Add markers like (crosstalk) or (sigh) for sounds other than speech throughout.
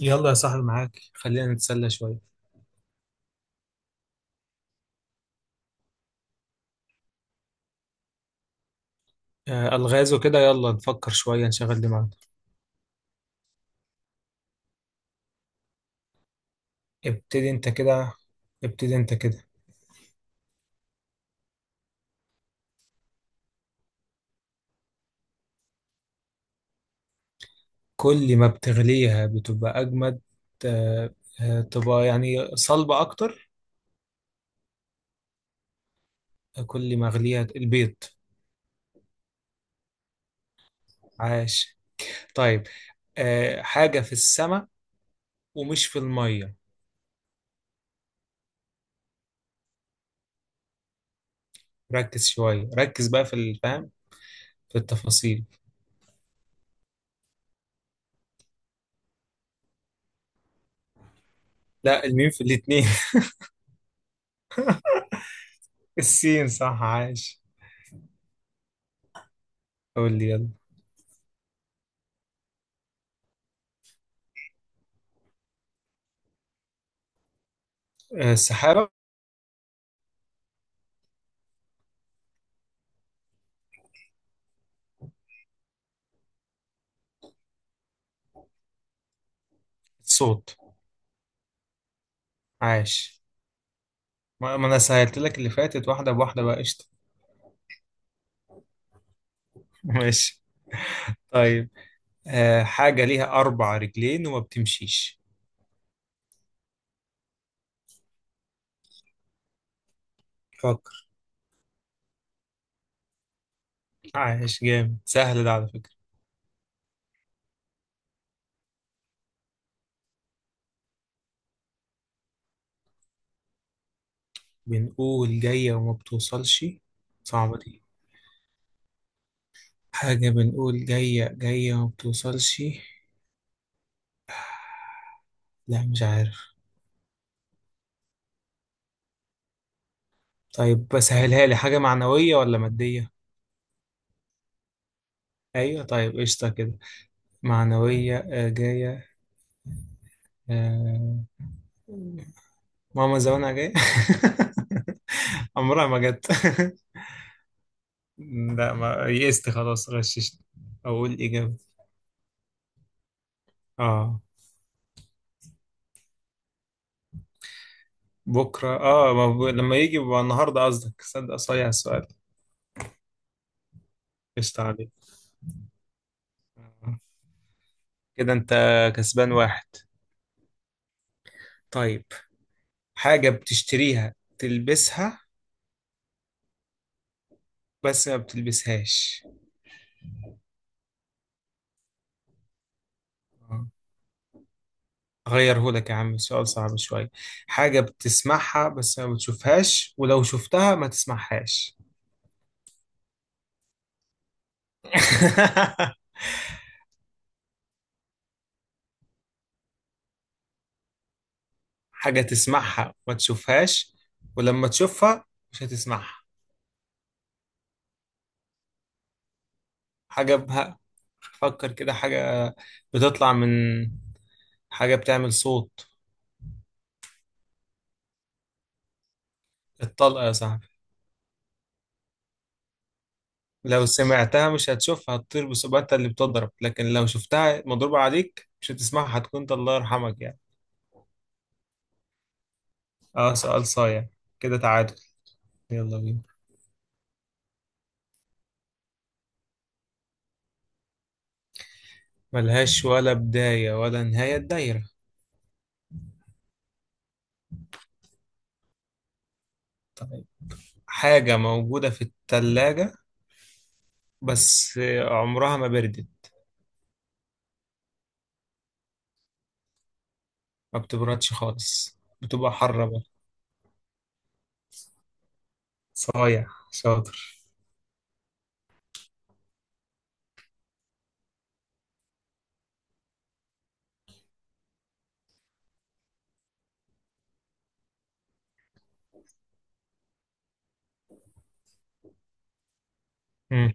يلا يا صاحبي، معاك، خلينا نتسلى شوية. ألغاز وكده، يلا نفكر شوية نشغل دماغنا. ابتدي انت كده. ابتدي انت كده. كل ما بتغليها بتبقى أجمد. آه، تبقى يعني صلبة أكتر. كل ما أغليها البيض. عاش. طيب، حاجة في السماء ومش في المية. ركز شوية، ركز بقى في الفهم، في التفاصيل. لا، الميم في الاتنين. (laughs) السين، صح، عاش. قول لي يلا. السحابة. صوت. عاش. ما انا سهلت لك اللي فاتت، واحده بواحده بقى، قشطه. (laughs) ماشي. طيب، حاجه ليها اربع رجلين وما بتمشيش. فكر. عايش، جامد، سهل ده على فكره. بنقول جايه وما بتوصلش. صعبه دي. حاجه بنقول جايه جايه وما بتوصلش. لا مش عارف. طيب، بسهلها لي، حاجه معنويه ولا ماديه؟ ايوه، طيب قشطه كده. معنويه، جايه. آه. ماما زمانها جايه. (laughs) عمرها ما جت (laughs) لا، ما يئست خلاص، غششت، اقول اجابه. اه. بكره، ما ب... لما يجي بقى النهارده، قصدك، صدق صايع السؤال. قشطة عليك. آه. كده انت كسبان واحد. طيب، حاجه بتشتريها تلبسها بس ما بتلبسهاش. آه. اغيره لك يا عم، سؤال صعب شويه، حاجه بتسمعها بس ما بتشوفهاش، ولو شفتها ما تسمعهاش. (laughs) حاجه تسمعها ما تشوفهاش، ولما تشوفها مش هتسمعها. حاجة بها فكر كده، حاجة بتطلع من حاجة بتعمل صوت. الطلقة يا صاحبي. لو سمعتها مش هتشوفها، هتطير بسرعة اللي بتضرب، لكن لو شفتها مضروبة عليك مش هتسمعها، هتكون ده الله يرحمك يعني. اه، سؤال صايع. كده تعادل. يلا بينا. ملهاش ولا بداية ولا نهاية، الدايرة. طيب، حاجة موجودة في التلاجة بس عمرها ما بردت. ما بتبردش خالص، بتبقى حرة بقى. صايع، شاطر. مم.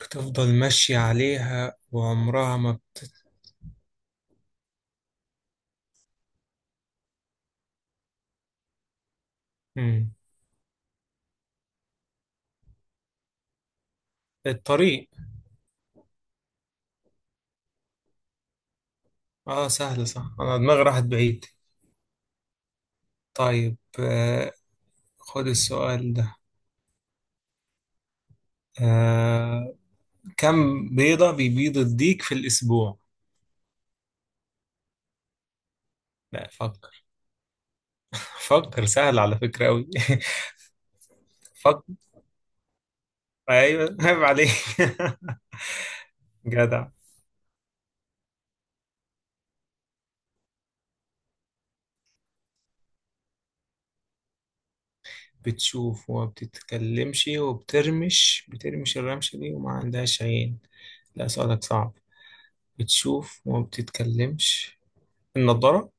بتفضل ماشية عليها وعمرها ما بت... مم. الطريق. اه سهل، صح، انا دماغي راحت بعيد. طيب، خد السؤال ده. آه كم بيضة بيبيض الديك في الأسبوع؟ لا، فكر، فكر سهل على فكرة أوي. (laughs) فكر. أيوه، عيب عليك. (laughs) جدع. بتشوف وما بتتكلمش وبترمش، بترمش الرمشة دي وما عندهاش عين؟ لا سؤالك صعب. بتشوف وما بتتكلمش، النضارة.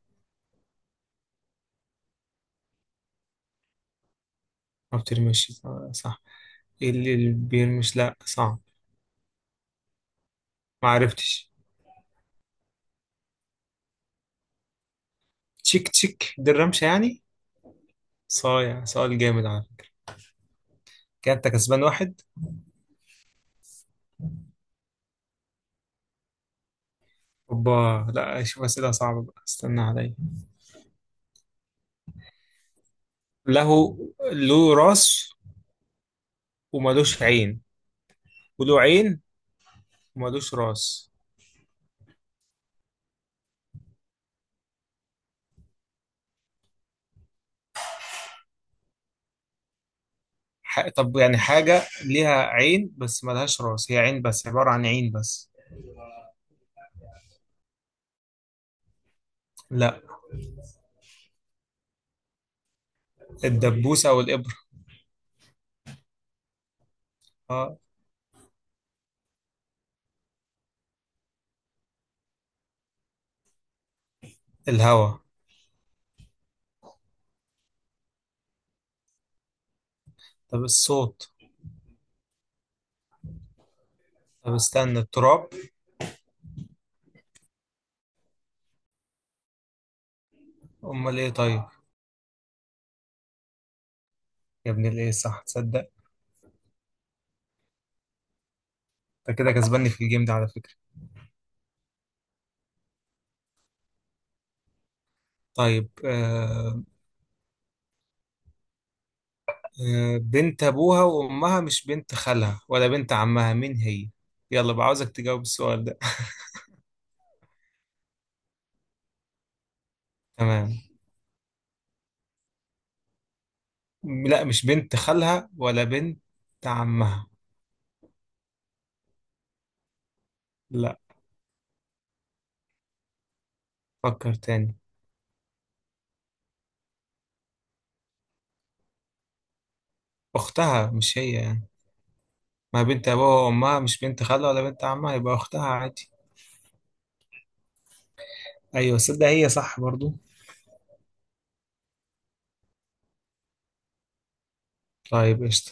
ما بترمش، صح. اللي بيرمش، لا صعب، ما عرفتش. تشيك تشيك دي الرمشة يعني. صايع، سؤال جامد على فكرة. كده انت كسبان واحد. اوبا. لا اشوف اسئلة صعبة بقى، استنى عليا. له له راس وملوش عين، وله عين وملوش راس. طب يعني حاجة ليها عين بس ملهاش راس، هي عين بس، عبارة عن عين بس. لا. الدبوسة أو الإبرة. آه. الهوا. طب الصوت. طب استنى، التراب. أمال إيه طيب. يا ابن الايه، صح، تصدق. انت كده كسباني في الجيم ده على فكرة. طيب، بنت ابوها وامها، مش بنت خالها ولا بنت عمها، مين هي؟ يلا بقى، عاوزك تجاوب السؤال ده. (laughs) تمام. لا مش بنت خالها ولا بنت عمها. لا، فكر تاني. اختها مش هي يعني؟ ما بنت ابوها وامها مش بنت خالها ولا بنت عمها، يبقى اختها عادي. ايوه، صدق، هي صح برضو. طيب قشطة.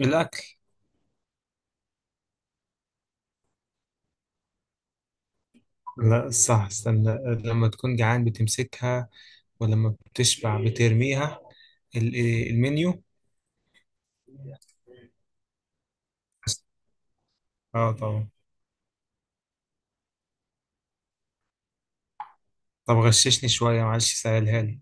الاكل. لا صح، استنى. لما تكون جعان بتمسكها ولما بتشبع بترميها، المنيو. اه طبعا. طب غششني شوية، معلش سهلها لي.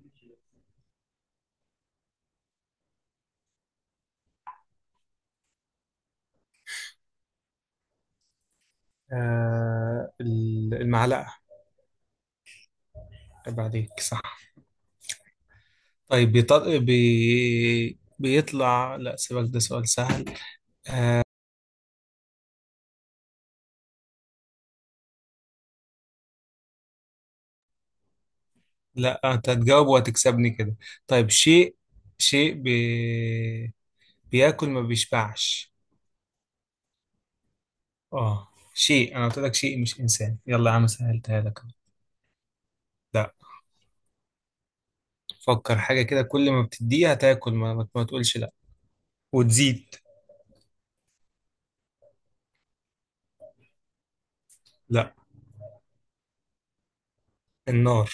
المعلقة. عيب عليك، صح. طيب، بيطلع، لا سيبك، ده سؤال سهل. لا، انت هتجاوب وهتكسبني كده. طيب، شيء، شيء بي... بياكل ما بيشبعش. اه. شيء، انا قلت لك شيء مش انسان، يلا يا عم، سهلتها لك أهو. لا. فكر، حاجة كده كل ما بتديها تاكل ما تقولش لا، وتزيد. لا. النار.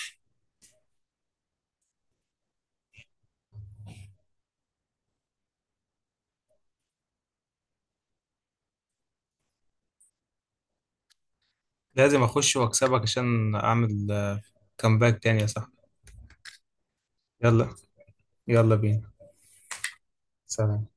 لازم اخش واكسبك عشان اعمل كامباك تاني يا صاحبي. يلا، يلا بينا. سلام.